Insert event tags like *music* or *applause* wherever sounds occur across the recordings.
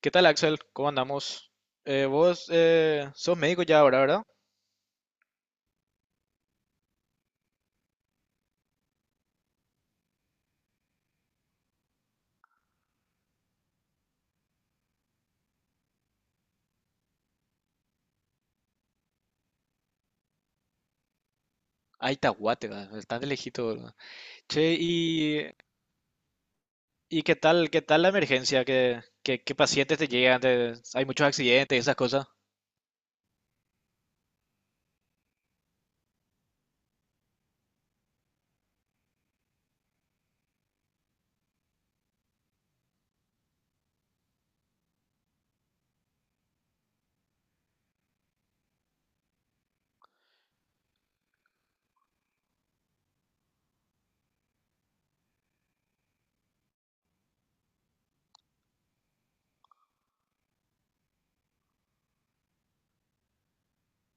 ¿Qué tal, Axel? ¿Cómo andamos? Vos sos médico ya ahora, ¿verdad? Ay, Tahuate, ¿verdad? Estás de lejito, ¿verdad? Che, ¿y qué tal la emergencia? ¿Qué, qué pacientes te llegan? ¿Hay muchos accidentes, esas cosas?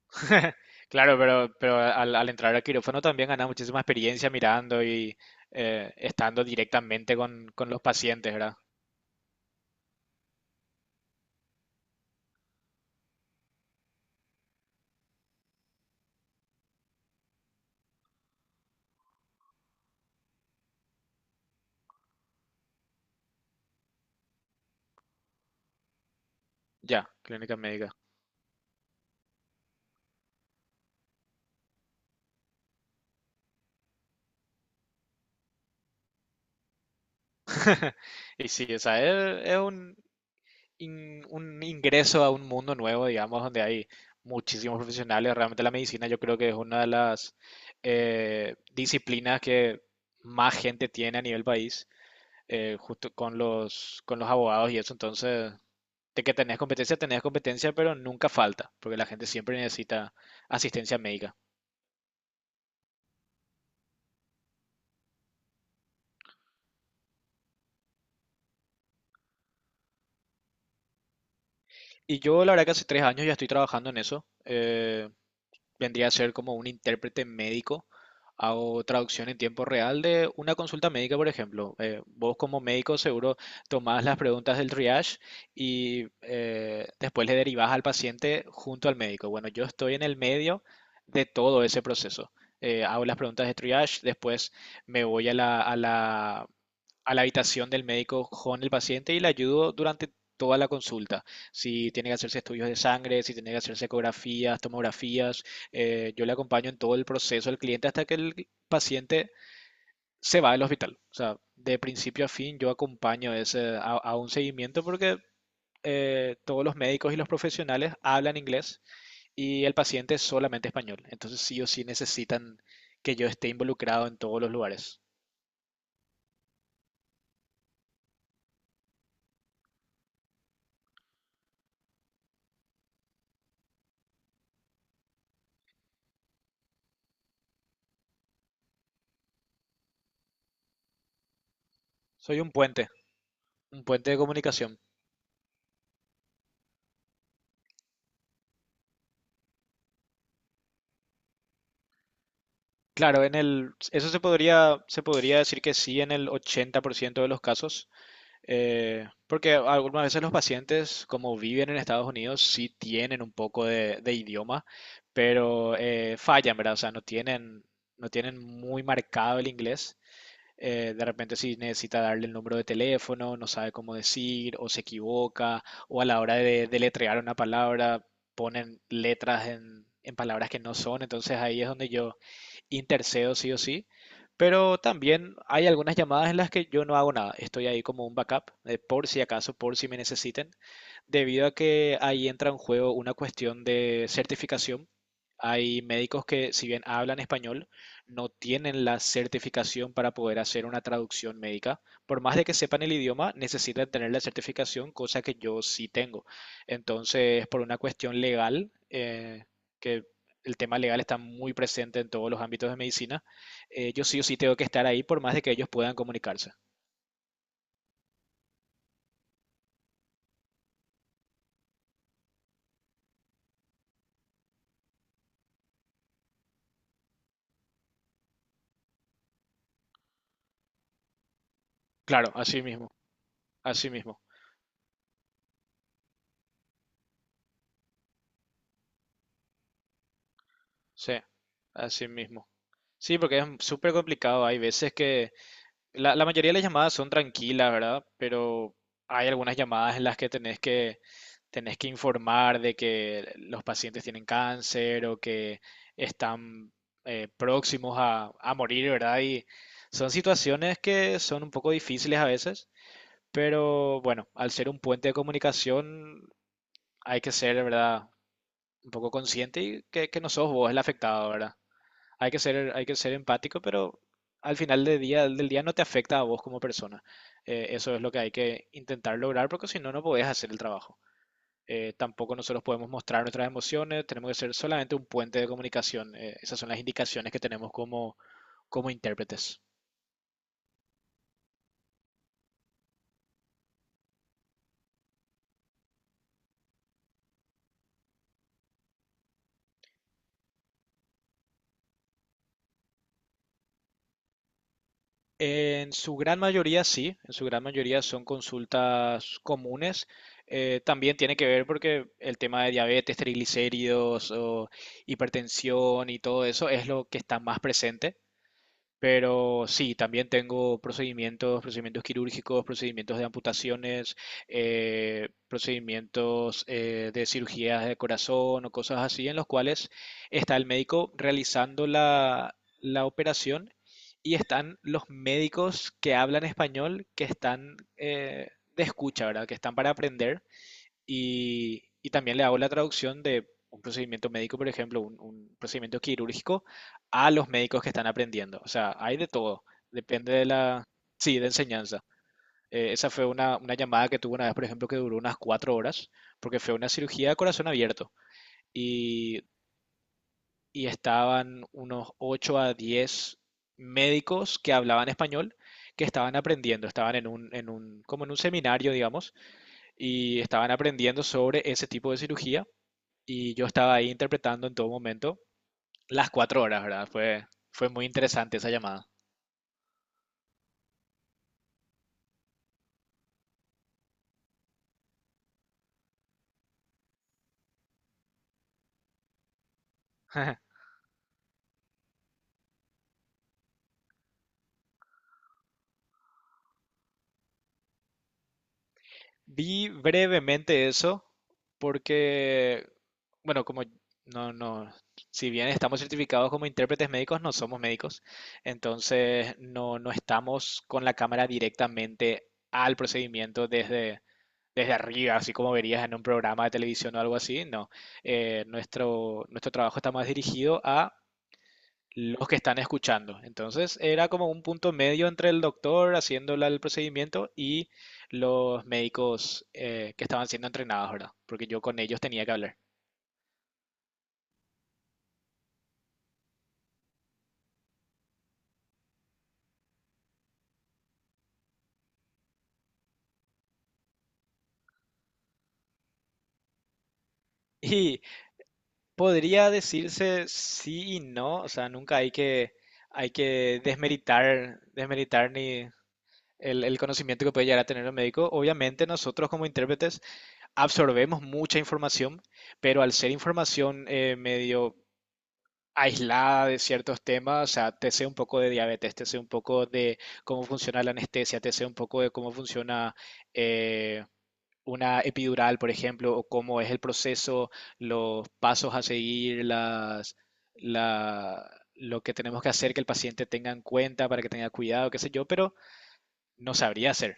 *laughs* Claro, pero al entrar a quirófano también ganas muchísima experiencia mirando y estando directamente con los pacientes, ¿verdad? Ya, clínica médica. *laughs* Y sí, o sea, es un un ingreso a un mundo nuevo, digamos, donde hay muchísimos profesionales. Realmente la medicina yo creo que es una de las disciplinas que más gente tiene a nivel país, justo con con los abogados y eso. Entonces, de que tenés competencia, pero nunca falta, porque la gente siempre necesita asistencia médica. Y yo, la verdad que hace 3 años ya estoy trabajando en eso. Vendría a ser como un intérprete médico. Hago traducción en tiempo real de una consulta médica, por ejemplo. Vos como médico seguro tomás las preguntas del triage y después le derivás al paciente junto al médico. Bueno, yo estoy en el medio de todo ese proceso. Hago las preguntas de triage, después me voy a a la habitación del médico con el paciente y le ayudo durante toda la consulta. Si tiene que hacerse estudios de sangre, si tiene que hacerse ecografías, tomografías yo le acompaño en todo el proceso al cliente hasta que el paciente se va del hospital. O sea, de principio a fin yo acompaño ese, a un seguimiento porque todos los médicos y los profesionales hablan inglés y el paciente es solamente español. Entonces sí o sí necesitan que yo esté involucrado en todos los lugares. Soy un puente de comunicación. Claro, en el, eso se podría decir que sí en el 80% de los casos. Porque algunas veces los pacientes, como viven en Estados Unidos, sí tienen un poco de idioma, pero fallan, ¿verdad? O sea, no tienen, no tienen muy marcado el inglés de repente si necesita darle el número de teléfono, no sabe cómo decir, o se equivoca, o a la hora de deletrear una palabra, ponen letras en palabras que no son, entonces ahí es donde yo intercedo sí o sí. Pero también hay algunas llamadas en las que yo no hago nada, estoy ahí como un backup, por si acaso, por si me necesiten, debido a que ahí entra en juego una cuestión de certificación. Hay médicos que si bien hablan español, no tienen la certificación para poder hacer una traducción médica. Por más de que sepan el idioma, necesitan tener la certificación, cosa que yo sí tengo. Entonces, por una cuestión legal, que el tema legal está muy presente en todos los ámbitos de medicina, yo sí o sí tengo que estar ahí por más de que ellos puedan comunicarse. Claro, así mismo, así mismo, sí, así mismo. Sí, porque es súper complicado. Hay veces que la mayoría de las llamadas son tranquilas, ¿verdad? Pero hay algunas llamadas en las que tenés que informar de que los pacientes tienen cáncer o que están próximos a morir, ¿verdad? Y son situaciones que son un poco difíciles a veces, pero bueno, al ser un puente de comunicación hay que ser, ¿verdad? Un poco consciente y que no sos vos el afectado, ¿verdad? Hay que ser empático, pero al final del día no te afecta a vos como persona. Eso es lo que hay que intentar lograr, porque si no, no podés hacer el trabajo. Tampoco nosotros podemos mostrar nuestras emociones, tenemos que ser solamente un puente de comunicación. Esas son las indicaciones que tenemos como intérpretes. En su gran mayoría sí, en su gran mayoría son consultas comunes. También tiene que ver porque el tema de diabetes, triglicéridos o hipertensión y todo eso es lo que está más presente. Pero sí, también tengo procedimientos, procedimientos quirúrgicos, procedimientos de amputaciones, procedimientos de cirugías de corazón o cosas así, en los cuales está el médico realizando la operación y están los médicos que hablan español, que están de escucha, ¿verdad? Que están para aprender y también le hago la traducción de un procedimiento médico, por ejemplo, un procedimiento quirúrgico, a los médicos que están aprendiendo. O sea, hay de todo. Depende de la, sí, de enseñanza. Esa fue una llamada que tuve una vez, por ejemplo, que duró unas 4 horas, porque fue una cirugía de corazón abierto. Y, y estaban unos 8 a 10 médicos que hablaban español, que estaban aprendiendo, estaban en un, como en un seminario, digamos, y estaban aprendiendo sobre ese tipo de cirugía y yo estaba ahí interpretando en todo momento las 4 horas, ¿verdad? Fue muy interesante esa llamada. *laughs* Vi brevemente eso porque, bueno, como no, no, si bien estamos certificados como intérpretes médicos, no somos médicos, entonces no estamos con la cámara directamente al procedimiento desde arriba, así como verías en un programa de televisión o algo así, no. Nuestro trabajo está más dirigido a los que están escuchando. Entonces era como un punto medio entre el doctor haciéndole el procedimiento y los médicos que estaban siendo entrenados, ¿verdad? Porque yo con ellos tenía que hablar. *laughs* Y podría decirse sí y no, o sea, nunca hay que desmeritar, desmeritar ni el conocimiento que puede llegar a tener el médico. Obviamente nosotros como intérpretes absorbemos mucha información, pero al ser información medio aislada de ciertos temas, o sea, te sé un poco de diabetes, te sé un poco de cómo funciona la anestesia, te sé un poco de cómo funciona eh, una epidural, por ejemplo, o cómo es el proceso, los pasos a seguir, las, la, lo que tenemos que hacer que el paciente tenga en cuenta para que tenga cuidado, qué sé yo, pero no sabría hacer.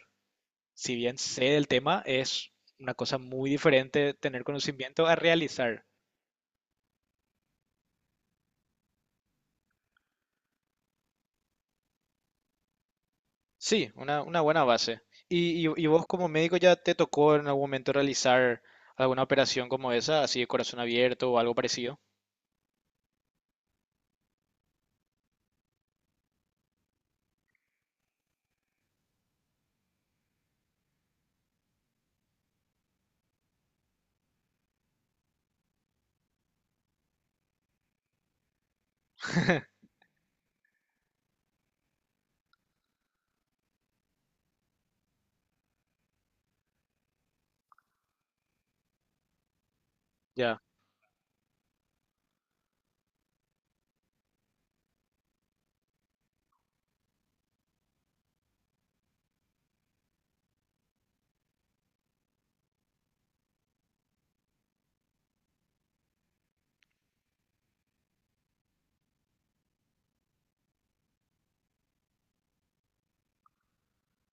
Si bien sé del tema, es una cosa muy diferente tener conocimiento a realizar. Sí, una buena base. Y vos como médico ya te tocó en algún momento realizar alguna operación como esa, así de corazón abierto o algo parecido? Ya,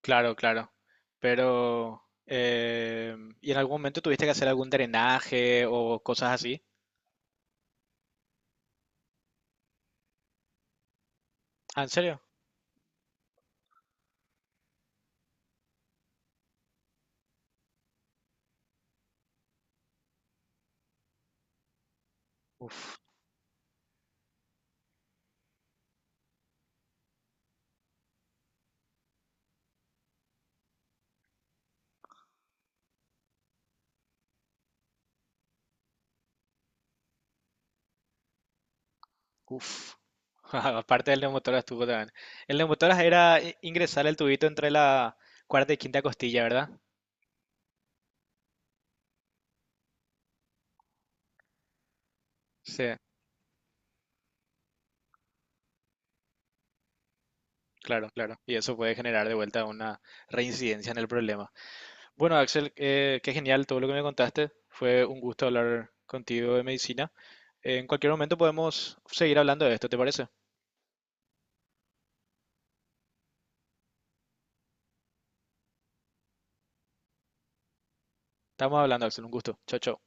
claro, claro. Pero, ¿y en algún momento tuviste que hacer algún drenaje o cosas así? Ah, ¿en serio? Uf, uf. *laughs* Aparte del neumotórax estuvo también. El neumotórax era ingresar el tubito entre la cuarta y quinta costilla, ¿verdad? Sí, claro, claro. Y eso puede generar de vuelta una reincidencia en el problema. Bueno, Axel, qué genial todo lo que me contaste. Fue un gusto hablar contigo de medicina. En cualquier momento podemos seguir hablando de esto, ¿te parece? Estamos hablando, Axel, un gusto. Chao, chao.